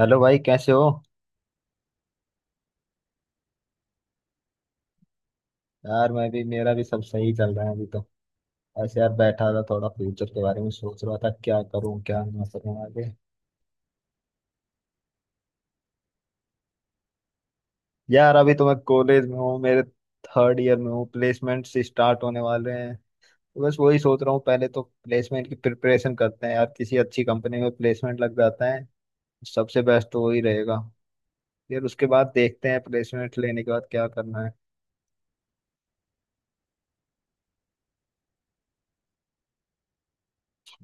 Hello भाई कैसे हो? यार मैं भी मेरा भी सब सही चल रहा है अभी तो। ऐसे यार बैठा था थोड़ा फ्यूचर के बारे में सोच रहा था क्या करूं क्या ना करूं आगे। यार अभी तो मैं कॉलेज में हूँ मेरे थर्ड ईयर में हूँ। प्लेसमेंट्स स्टार्ट होने वाले हैं। तो बस वही सोच रहा हूँ पहले तो प्लेसमेंट की प्रिपरेशन करते हैं यार, किसी अच्छी कंपनी में प्लेसमेंट लग जाता है सबसे बेस्ट तो वही रहेगा। फिर उसके बाद देखते हैं प्लेसमेंट लेने के बाद क्या करना है।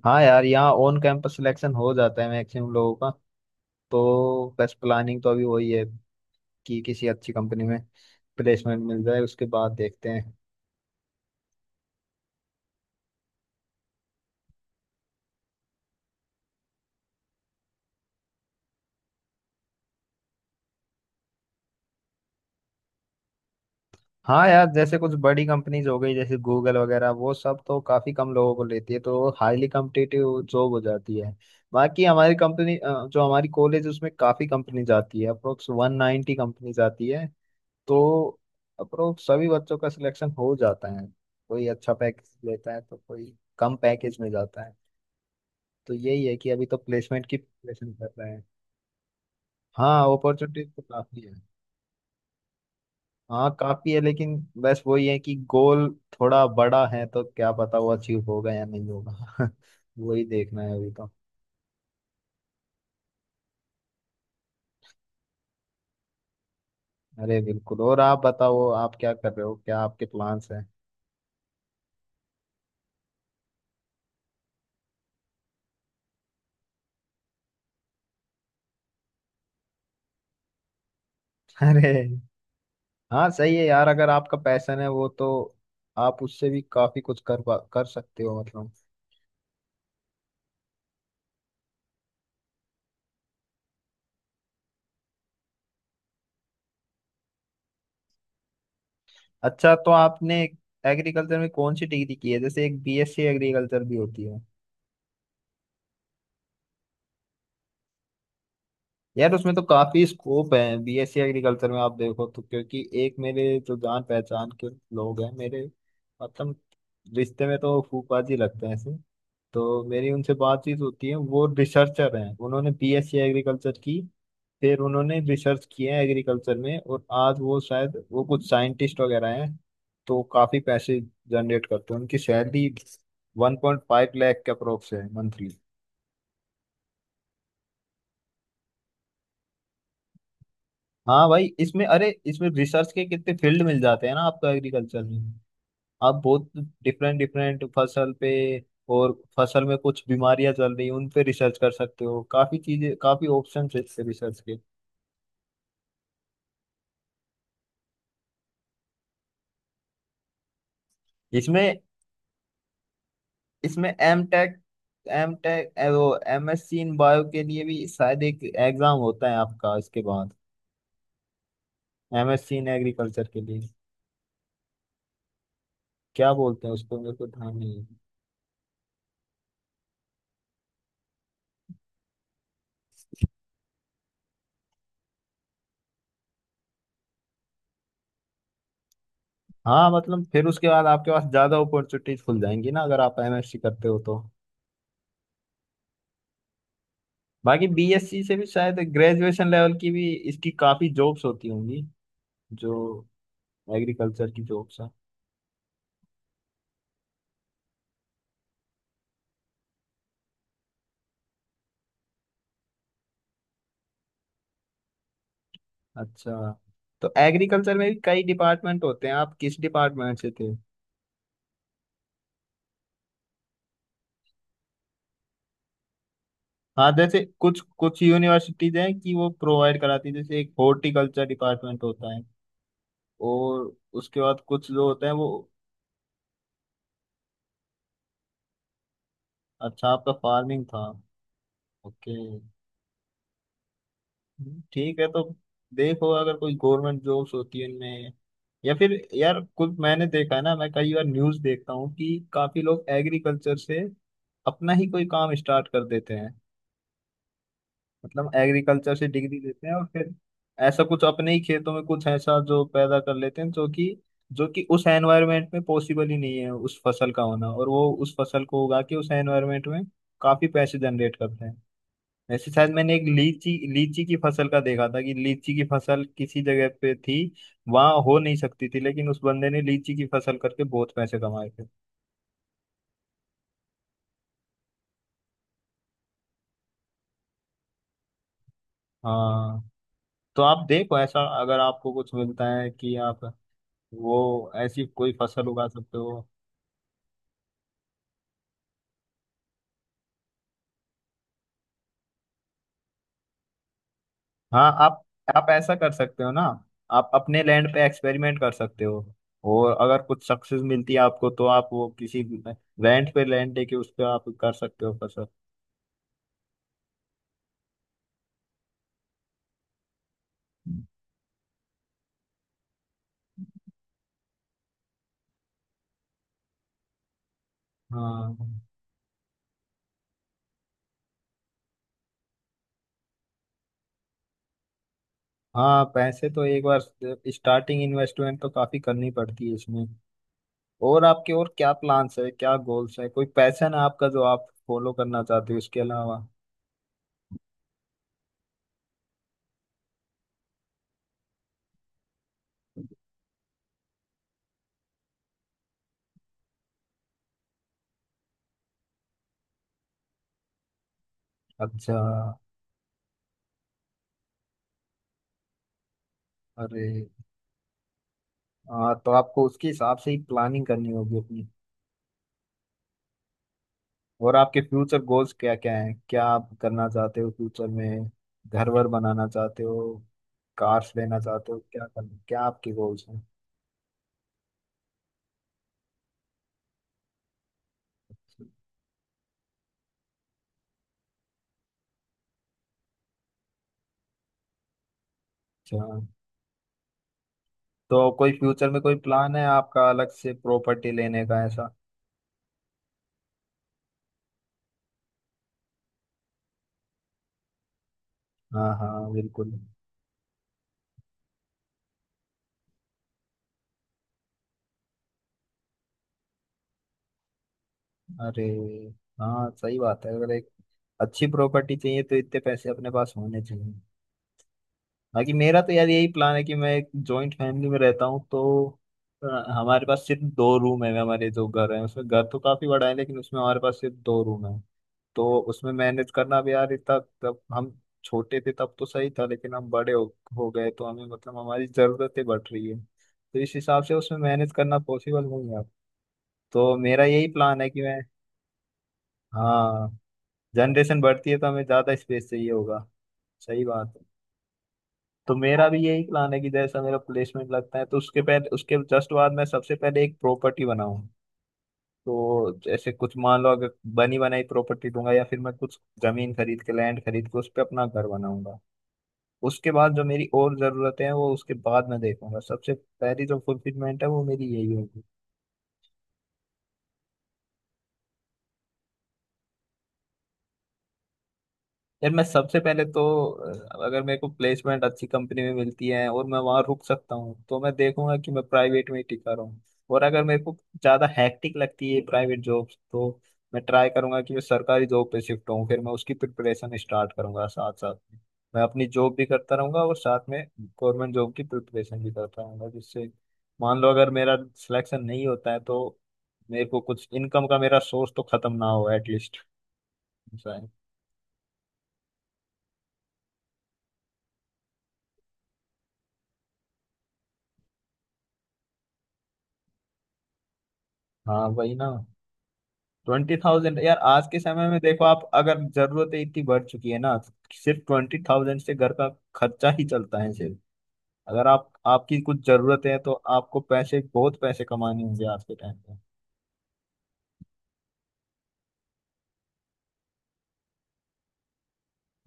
हाँ यार, यहाँ ऑन कैंपस सिलेक्शन हो जाता है मैक्सिमम लोगों का। तो बस प्लानिंग तो अभी वही है कि किसी अच्छी कंपनी में प्लेसमेंट मिल जाए, उसके बाद देखते हैं। हाँ यार, जैसे कुछ बड़ी कंपनीज हो गई जैसे गूगल वगैरह, वो सब तो काफी कम लोगों को लेती है तो हाईली कम्पिटिटिव जॉब हो जाती है। बाकी हमारी कंपनी जो हमारी कॉलेज उसमें काफी कंपनी जाती है, अप्रोक्स 190 कंपनी जाती है। तो अप्रोक्स सभी बच्चों का सिलेक्शन हो जाता है। कोई अच्छा पैकेज लेता है तो कोई कम पैकेज में जाता है। तो यही है कि अभी तो प्लेसमेंट की प्रिपरेशन कर रहे हैं। हाँ, अपॉर्चुनिटीज तो काफी है। हाँ काफी है, लेकिन बस वही है कि गोल थोड़ा बड़ा है तो क्या पता वो अचीव होगा या नहीं होगा। वही देखना है अभी तो। अरे बिल्कुल, और आप बताओ आप क्या कर रहे हो, क्या आपके प्लान्स हैं? अरे हाँ सही है यार, अगर आपका पैशन है वो तो आप उससे भी काफी कुछ कर सकते हो मतलब। अच्छा, तो आपने एग्रीकल्चर में कौन सी डिग्री की है? जैसे एक बीएससी एग्रीकल्चर भी होती है। यार उसमें तो काफी स्कोप है, बीएससी एग्रीकल्चर में आप देखो तो, क्योंकि एक मेरे जो जान पहचान के लोग हैं मेरे, मतलब रिश्ते में तो फूफा जी लगते हैं ऐसे। तो मेरी उनसे बातचीत होती है, वो रिसर्चर हैं, उन्होंने बीएससी एग्रीकल्चर की। फिर उन्होंने रिसर्च किया है एग्रीकल्चर में और आज वो शायद वो कुछ साइंटिस्ट वगैरह हैं। तो काफी पैसे जनरेट करते हैं, उनकी सैलरी 1.5 लैख के अप्रोक्स है मंथली। हाँ भाई इसमें, अरे इसमें रिसर्च के कितने फील्ड मिल जाते हैं ना आपको एग्रीकल्चर में। आप बहुत डिफरेंट डिफरेंट फसल पे और फसल में कुछ बीमारियां चल रही हैं उन पे रिसर्च कर सकते हो, काफी चीजें काफी ऑप्शन है इससे रिसर्च के। इसमें इसमें एम टेक वो, M S C in bio के लिए भी शायद एक एग्जाम होता है आपका इसके बाद, M S C in agriculture के लिए। क्या बोलते हैं उसको मेरे को ध्यान नहीं है। हाँ मतलब फिर उसके बाद आपके पास ज्यादा अपॉर्चुनिटीज खुल जाएंगी ना, अगर आप एम एस सी करते हो तो। बाकी बीएससी से भी शायद ग्रेजुएशन लेवल की भी इसकी काफी जॉब्स होती होंगी, जो एग्रीकल्चर की जॉब्स हैं। अच्छा, तो एग्रीकल्चर में भी कई डिपार्टमेंट होते हैं, आप किस डिपार्टमेंट से थे? हाँ जैसे कुछ कुछ यूनिवर्सिटीज हैं कि वो प्रोवाइड कराती है, जैसे एक हॉर्टिकल्चर डिपार्टमेंट होता है और उसके बाद कुछ जो होते हैं वो। अच्छा, आपका फार्मिंग था। ओके ठीक है। तो देखो, अगर कोई गवर्नमेंट जॉब्स होती है उनमें, या फिर यार कुछ मैंने देखा है ना, मैं कई बार न्यूज देखता हूँ कि काफी लोग एग्रीकल्चर से अपना ही कोई काम स्टार्ट कर देते हैं। मतलब एग्रीकल्चर से डिग्री लेते हैं और फिर ऐसा कुछ अपने ही खेतों में कुछ ऐसा जो पैदा कर लेते हैं जो कि उस एनवायरनमेंट में पॉसिबल ही नहीं है उस फसल का होना, और वो उस फसल को उगा के उस एनवायरनमेंट में काफी पैसे जनरेट करते हैं। वैसे शायद मैंने एक लीची लीची की फसल का देखा था कि लीची की फसल किसी जगह पे थी, वहां हो नहीं सकती थी, लेकिन उस बंदे ने लीची की फसल करके बहुत पैसे कमाए थे। हाँ, तो आप देखो, ऐसा अगर आपको कुछ मिलता है कि आप वो ऐसी कोई फसल उगा सकते हो। हाँ आप ऐसा कर सकते हो ना। आप अपने लैंड पे एक्सपेरिमेंट कर सकते हो, और अगर कुछ सक्सेस मिलती है आपको तो आप वो किसी रेंट पे लैंड लेके उस पे आप कर सकते हो फसल। हाँ, हाँ, पैसे तो एक बार स्टार्टिंग इन्वेस्टमेंट तो काफी करनी पड़ती है इसमें। और आपके और क्या प्लान्स है, क्या गोल्स है, कोई पैशन है आपका जो आप फॉलो करना चाहते हो इसके अलावा? अच्छा। अरे हाँ, तो आपको उसके हिसाब से ही प्लानिंग करनी होगी अपनी। और आपके फ्यूचर गोल्स क्या क्या हैं, क्या आप करना चाहते हो फ्यूचर में? घर वर बनाना चाहते हो, कार्स लेना चाहते हो, क्या करना, क्या आपके गोल्स हैं? अच्छा, तो कोई फ्यूचर में कोई प्लान है आपका अलग से प्रॉपर्टी लेने का ऐसा? हाँ, हाँ, बिल्कुल। अरे हाँ सही बात है, अगर एक अच्छी प्रॉपर्टी चाहिए तो इतने पैसे अपने पास होने चाहिए। बाकी मेरा तो यार यही प्लान है कि मैं एक जॉइंट फैमिली में रहता हूँ तो अ, हमारे पास सिर्फ दो रूम है। हमारे जो घर है उसमें, घर तो काफी बड़ा है लेकिन उसमें हमारे पास सिर्फ दो रूम है। तो उसमें मैनेज करना भी यार इतना, तब हम छोटे थे तब तो सही था, लेकिन हम बड़े हो गए तो हमें, मतलब हमारी जरूरतें बढ़ रही है तो इस हिसाब से उसमें मैनेज करना पॉसिबल नहीं है। तो मेरा यही प्लान है कि मैं, हाँ, जनरेशन बढ़ती है तो हमें ज्यादा स्पेस चाहिए होगा। सही बात है। तो मेरा भी यही प्लान है कि जैसा मेरा प्लेसमेंट लगता है तो उसके पहले, उसके जस्ट बाद मैं सबसे पहले एक प्रॉपर्टी बनाऊं। तो जैसे कुछ मान लो, अगर बनी बनाई प्रॉपर्टी दूंगा या फिर मैं कुछ जमीन खरीद के, लैंड खरीद के उस पर अपना घर बनाऊंगा। उसके बाद जो मेरी और जरूरतें हैं वो उसके बाद मैं देखूंगा, सबसे पहली जो फुलफिलमेंट है वो मेरी यही होगी। यार मैं सबसे पहले तो अगर मेरे को प्लेसमेंट अच्छी कंपनी में मिलती है और मैं वहां रुक सकता हूँ तो मैं देखूंगा कि मैं प्राइवेट में ही टिका रहूं। और अगर मेरे को ज्यादा हैक्टिक लगती है प्राइवेट जॉब, तो मैं ट्राई करूंगा कि मैं सरकारी जॉब पे शिफ्ट हूँ, फिर मैं उसकी प्रिपरेशन स्टार्ट करूंगा साथ साथ में। मैं अपनी जॉब भी करता रहूंगा और साथ में गवर्नमेंट जॉब की प्रिपरेशन भी करता रहूंगा, जिससे मान लो अगर मेरा सिलेक्शन नहीं होता है तो मेरे को कुछ, इनकम का मेरा सोर्स तो खत्म ना हो एटलीस्ट। हाँ वही ना, 20,000, यार आज के समय में देखो आप, अगर जरूरतें इतनी बढ़ चुकी है ना, सिर्फ 20,000 से घर का खर्चा ही चलता है सिर्फ। अगर आप, आपकी कुछ जरूरतें हैं तो आपको पैसे, बहुत पैसे कमाने होंगे आज के टाइम पे।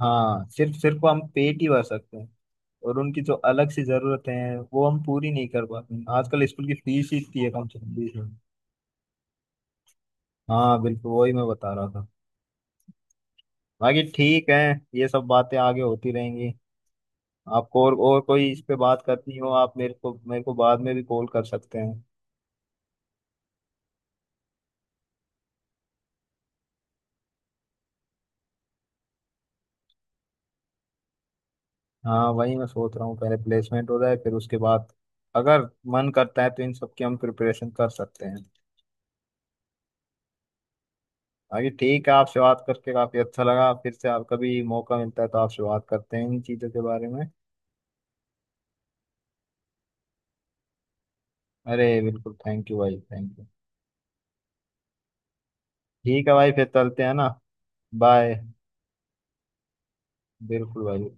हाँ सिर्फ सिर्फ हम पेट ही भर सकते हैं, और उनकी जो अलग सी जरूरतें हैं वो हम पूरी नहीं कर पाते हैं। आजकल स्कूल की फीस ही इतनी है कम से कम 20,000। हाँ बिल्कुल, वही मैं बता रहा था। बाकी ठीक है, ये सब बातें आगे होती रहेंगी। आपको और कोई इस पे बात करनी हो आप मेरे को बाद में भी कॉल कर सकते हैं। हाँ वही मैं सोच रहा हूँ, पहले प्लेसमेंट हो जाए फिर उसके बाद अगर मन करता है तो इन सब की हम प्रिपरेशन कर सकते हैं। बाकी ठीक है, आपसे बात करके काफी अच्छा लगा, फिर से आप कभी मौका मिलता है तो आपसे बात करते हैं इन चीजों के बारे में। अरे बिल्कुल, थैंक यू भाई, थैंक यू। ठीक है भाई, फिर चलते हैं ना। बाय। बिल्कुल भाई।